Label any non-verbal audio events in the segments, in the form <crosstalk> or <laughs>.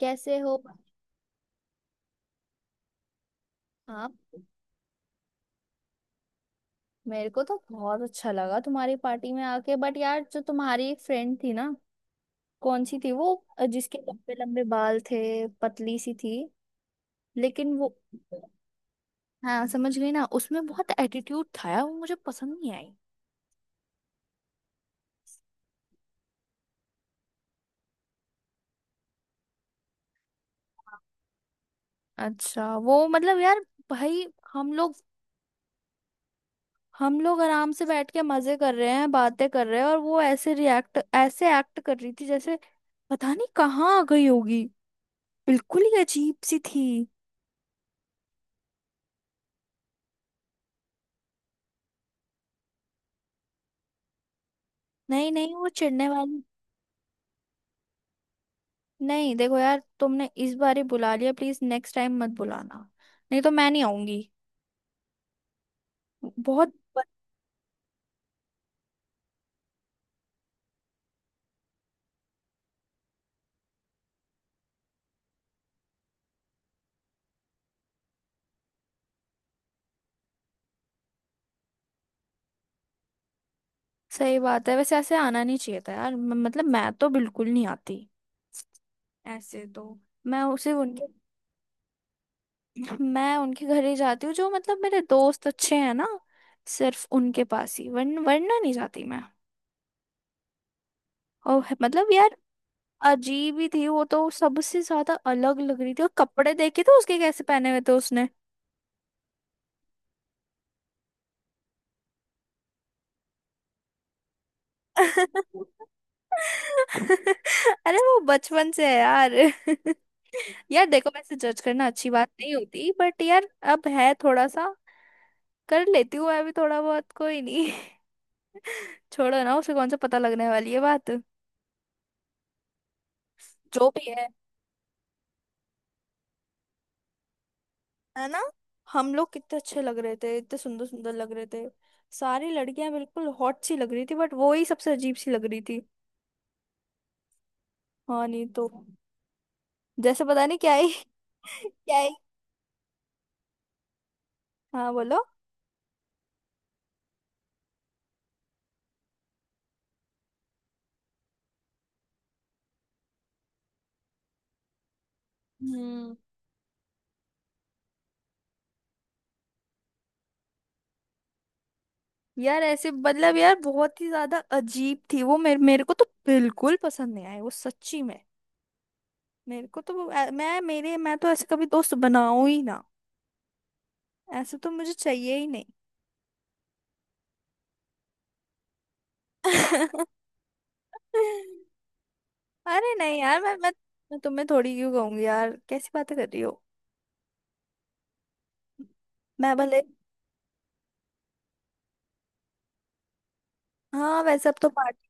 कैसे हो आप? मेरे को तो बहुत अच्छा लगा तुम्हारी पार्टी में आके। बट यार, जो तुम्हारी एक फ्रेंड थी ना, कौन सी थी वो? जिसके लंबे लंबे बाल थे, पतली सी थी, लेकिन वो। हाँ, समझ गई ना, उसमें बहुत एटीट्यूड था यार, वो मुझे पसंद नहीं आई। अच्छा वो, मतलब यार, भाई, हम लोग हम लोग आराम से बैठ के मजे कर रहे हैं, बातें कर रहे हैं, और वो ऐसे रिएक्ट, ऐसे एक्ट कर रही थी जैसे पता नहीं कहाँ आ गई होगी। बिल्कुल ही अजीब सी थी। नहीं नहीं, वो चिढ़ने वाली नहीं। देखो यार, तुमने इस बार ही बुला लिया, प्लीज नेक्स्ट टाइम मत बुलाना, नहीं तो मैं नहीं आऊंगी। बहुत ब-। सही बात है, वैसे ऐसे आना नहीं चाहिए था यार। मतलब मैं तो बिल्कुल नहीं आती ऐसे तो। मैं उसे उनके मैं उनके घर ही जाती हूँ, जो मतलब मेरे दोस्त अच्छे हैं ना, सिर्फ उनके पास ही, वरना नहीं जाती मैं। और मतलब यार, अजीब ही थी वो, तो सबसे ज्यादा अलग लग रही थी, और कपड़े देखे थे उसके कैसे पहने हुए थे उसने। अरे वो बचपन से है यार। <laughs> यार देखो, वैसे जज करना अच्छी बात नहीं होती, बट यार अब है थोड़ा सा, कर लेती हूँ मैं भी थोड़ा बहुत, कोई नहीं। <laughs> छोड़ो ना, उसे कौन सा पता लगने वाली है बात। जो भी है ना। हम लोग कितने अच्छे लग रहे थे, इतने सुंदर सुंदर लग रहे थे, सारी लड़कियां बिल्कुल हॉट सी लग रही थी, बट वो ही सबसे अजीब सी लग रही थी। हाँ, नहीं तो। जैसे पता नहीं क्या ही। <laughs> क्या ही। हाँ बोलो। हम्म यार ऐसे, मतलब यार, बहुत ही ज्यादा अजीब थी वो, मेरे मेरे को तो बिल्कुल पसंद नहीं आई वो, सच्ची में। मेरे को तो वो- अ, मैं मेरे मैं तो ऐसे कभी दोस्त बनाऊं ही ना, ऐसे तो मुझे चाहिए ही नहीं। <laughs> अरे नहीं यार, मैं तुम्हें थोड़ी क्यों कहूंगी यार, कैसी बातें कर रही हो, मैं भले। हाँ, वैसे अब तो पार्टी।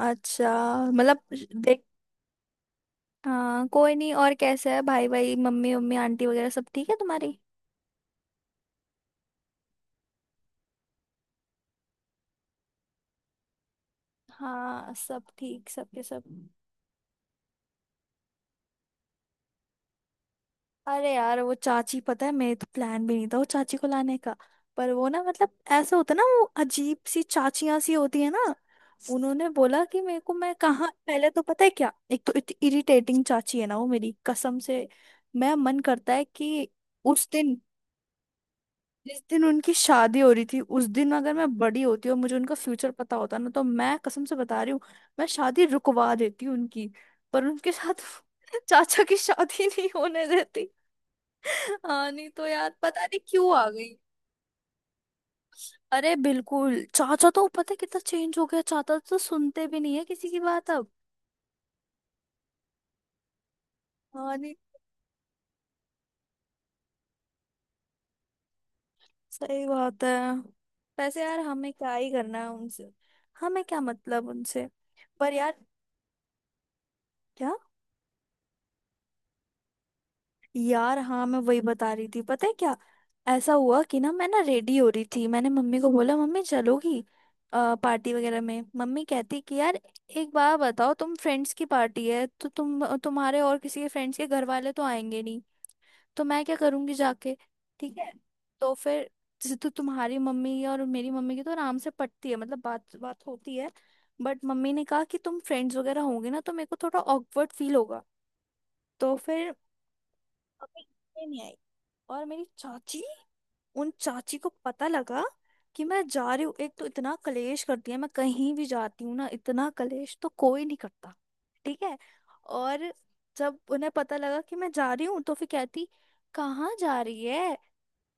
अच्छा, मतलब देख। हाँ कोई नहीं। और कैसा है भाई, भाई मम्मी, मम्मी आंटी वगैरह, सब ठीक है तुम्हारी? हाँ, सब ठीक, सबके सब। अरे यार, वो चाची, पता है, मेरे तो प्लान भी नहीं था वो चाची को लाने का। पर वो ना, मतलब, ऐसा होता है ना, वो अजीब सी चाचियां सी होती है ना। उन्होंने बोला कि मेरे को, मैं कहाँ, पहले तो पता है क्या, एक तो इतनी इरिटेटिंग चाची है ना वो, मेरी कसम से। मैं, मन करता है कि उस दिन, जिस दिन उनकी शादी हो रही थी, उस दिन अगर मैं बड़ी होती और मुझे उनका फ्यूचर पता होता ना, तो मैं कसम से बता रही हूँ, मैं शादी रुकवा देती उनकी। पर उनके साथ <laughs> चाचा की शादी नहीं होने देती। <laughs> हाँ, नहीं तो यार, पता नहीं क्यों आ गई। अरे बिल्कुल, चाचा तो पता है कितना चेंज हो गया, चाचा तो सुनते भी नहीं है किसी की बात अब। हाँ, नहीं। सही बात है। वैसे यार, हमें क्या ही करना है उनसे, हमें क्या मतलब उनसे। पर यार, क्या, यार हाँ, मैं वही बता रही थी। पता है क्या, ऐसा हुआ कि ना, मैं ना रेडी हो रही थी, मैंने मम्मी को बोला मम्मी चलोगी पार्टी वगैरह में। मम्मी कहती कि यार एक बार बताओ, तुम फ्रेंड्स की पार्टी है तो तुम, तुम्हारे और किसी के फ्रेंड्स के घर वाले तो आएंगे नहीं, तो मैं क्या करूंगी जाके। ठीक है। तो फिर जैसे, तो तुम्हारी मम्मी और मेरी मम्मी की तो आराम से पटती है, मतलब बात बात होती है, बट मम्मी ने कहा कि तुम फ्रेंड्स वगैरह होंगे ना तो मेरे को थोड़ा ऑकवर्ड फील होगा। तो फिर मम्मी नहीं आई। और मेरी चाची, उन चाची को पता लगा कि मैं जा रही हूँ। एक तो इतना कलेश करती है, मैं कहीं भी जाती हूँ ना, इतना कलेश तो कोई नहीं करता। ठीक है। और जब उन्हें पता लगा कि मैं जा रही हूँ, तो फिर कहती कहाँ जा रही है,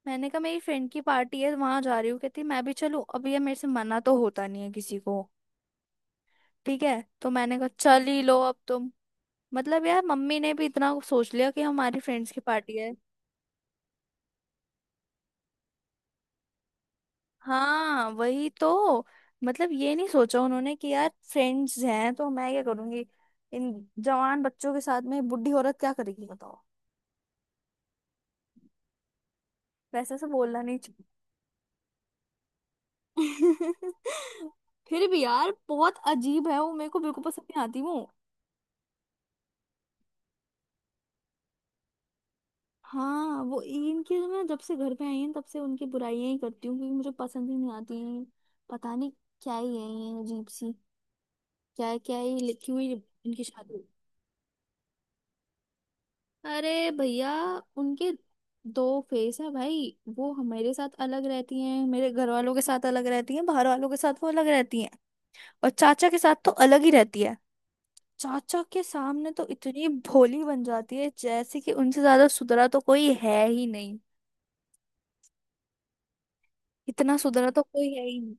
मैंने कहा मेरी फ्रेंड की पार्टी है वहां जा रही हूँ। कहती मैं भी चलूँ। अब ये, मेरे से मना तो होता नहीं है किसी को, ठीक है, तो मैंने कहा चल ही लो अब तुम। मतलब यार, मम्मी ने भी इतना सोच लिया कि हमारी फ्रेंड्स की पार्टी है। हाँ वही तो। मतलब ये नहीं सोचा उन्होंने कि यार फ्रेंड्स हैं तो मैं क्या करूंगी, इन जवान बच्चों के साथ में बूढ़ी औरत क्या करेगी बताओ। वैसे से बोलना नहीं चाहिए। <laughs> फिर भी यार बहुत अजीब है वो, मेरे को बिल्कुल पसंद नहीं आती वो। हाँ, वो इनकी तो, मैं जब से घर पे आई हूँ तब से उनकी बुराइयां ही करती हूँ, क्योंकि मुझे पसंद ही नहीं आती हैं। पता नहीं क्या ही है ये, अजीब सी। क्या, क्या ही लिखी हुई इनकी शादी। अरे भैया, उनके दो फेस है भाई, वो हमारे साथ अलग रहती हैं, मेरे घर वालों के साथ अलग रहती हैं, बाहर वालों के साथ वो अलग रहती हैं, और चाचा के साथ तो अलग ही रहती है। चाचा के सामने तो इतनी भोली बन जाती है जैसे कि उनसे ज्यादा सुधरा तो कोई है ही नहीं, इतना सुधरा तो कोई है ही नहीं।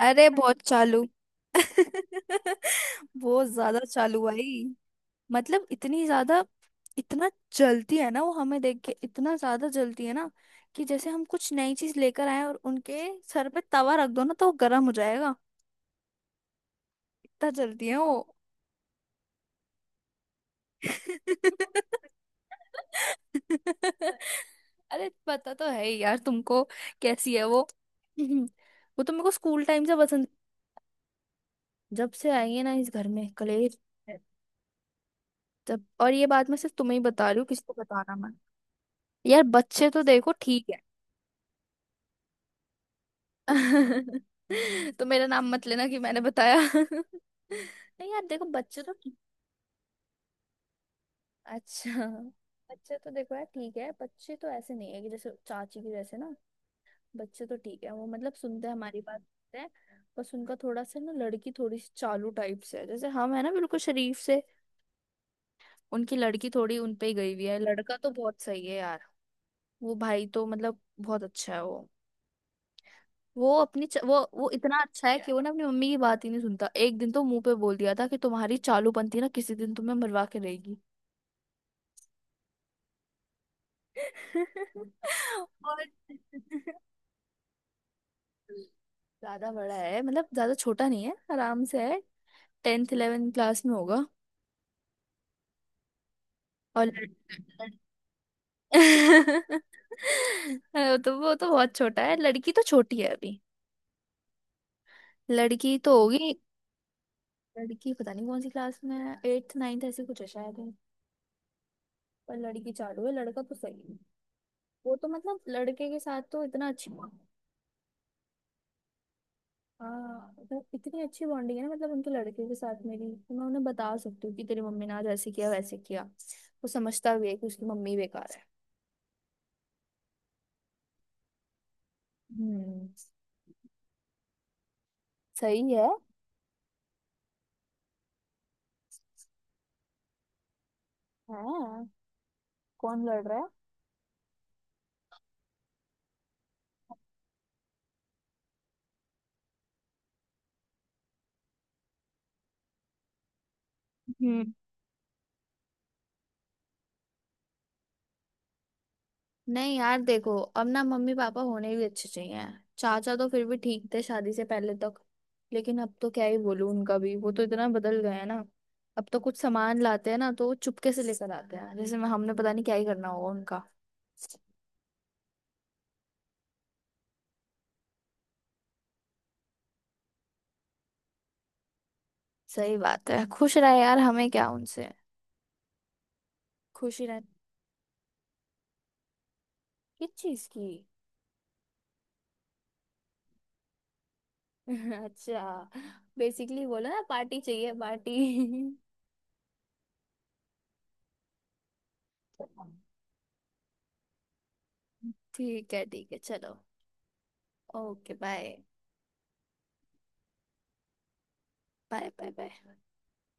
अरे बहुत चालू। <laughs> बहुत ज्यादा चालू भाई। मतलब इतनी ज्यादा, इतना जलती है ना वो हमें देख के, इतना ज्यादा जलती है ना, कि जैसे हम कुछ नई चीज लेकर आए और उनके सर पे तवा रख दो ना तो वो गर्म हो जाएगा, इतना जलती है वो। <laughs> अरे पता तो है ही यार तुमको, कैसी है वो। <clears throat> <laughs> वो तो मेरे को स्कूल टाइम से पसंद। जब से आई है ना इस घर में कलेश है। जब, और ये बात मैं सिर्फ तुम्हें ही बता रही हूँ, किसी को बताना मत। यार बच्चे तो देखो ठीक है। <laughs> तो मेरा नाम मत लेना कि मैंने बताया। <laughs> नहीं यार देखो बच्चे तो। अच्छा, बच्चे तो देखो यार ठीक है, बच्चे तो ऐसे नहीं है कि जैसे चाची की जैसे ना, बच्चे तो ठीक है वो, मतलब सुनते हैं हमारी बात सुनते हैं। बस उनका थोड़ा सा ना, लड़की थोड़ी सी चालू टाइप से है, जैसे हम है ना बिल्कुल शरीफ से, उनकी लड़की थोड़ी उन पे ही गई हुई है, लड़का तो बहुत सही है यार। वो भाई तो मतलब बहुत अच्छा है वो। वो अपनी च... वो इतना अच्छा है कि वो ना अपनी मम्मी की बात ही नहीं सुनता, एक दिन तो मुंह पे बोल दिया था कि तुम्हारी चालूपंथी ना किसी दिन तुम्हें मरवा के देगी। <laughs> और ज्यादा बड़ा है, मतलब ज्यादा छोटा नहीं है, आराम से है, टेंथ इलेवेंथ क्लास में होगा। और लड़-। <laughs> वो तो बहुत छोटा है, लड़की तो छोटी है अभी, लड़की तो होगी। लड़की पता नहीं कौन सी क्लास में है, एट्थ नाइन्थ ऐसी कुछ है शायद है। पर लड़की चालू है, लड़का तो सही है। वो तो मतलब लड़के के साथ तो इतना अच्छी। हाँ, मतलब इतनी अच्छी बॉन्डिंग है ना, मतलब उनके लड़के के साथ मेरी, कि मैं उन्हें बता सकती हूँ कि तेरी मम्मी ने आज ऐसे किया वैसे किया, वो समझता भी है कि उसकी मम्मी बेकार है। हम्म। सही है। हाँ, कौन लड़ रहा है? हम्म। नहीं यार देखो, अब ना मम्मी पापा होने भी अच्छे चाहिए। चाचा तो फिर भी ठीक थे शादी से पहले तक, लेकिन अब तो क्या ही बोलूं उनका भी, वो तो इतना बदल गए हैं ना। अब तो कुछ सामान लाते हैं ना तो वो चुपके से लेकर आते हैं, जैसे मैं, हमने पता नहीं क्या ही करना होगा उनका। सही बात है, खुश रहे यार, हमें क्या उनसे। खुशी रह। किस चीज की? <laughs> अच्छा, बेसिकली बोलो ना, पार्टी चाहिए पार्टी। <laughs> ठीक है चलो। Okay bye. Bye bye bye.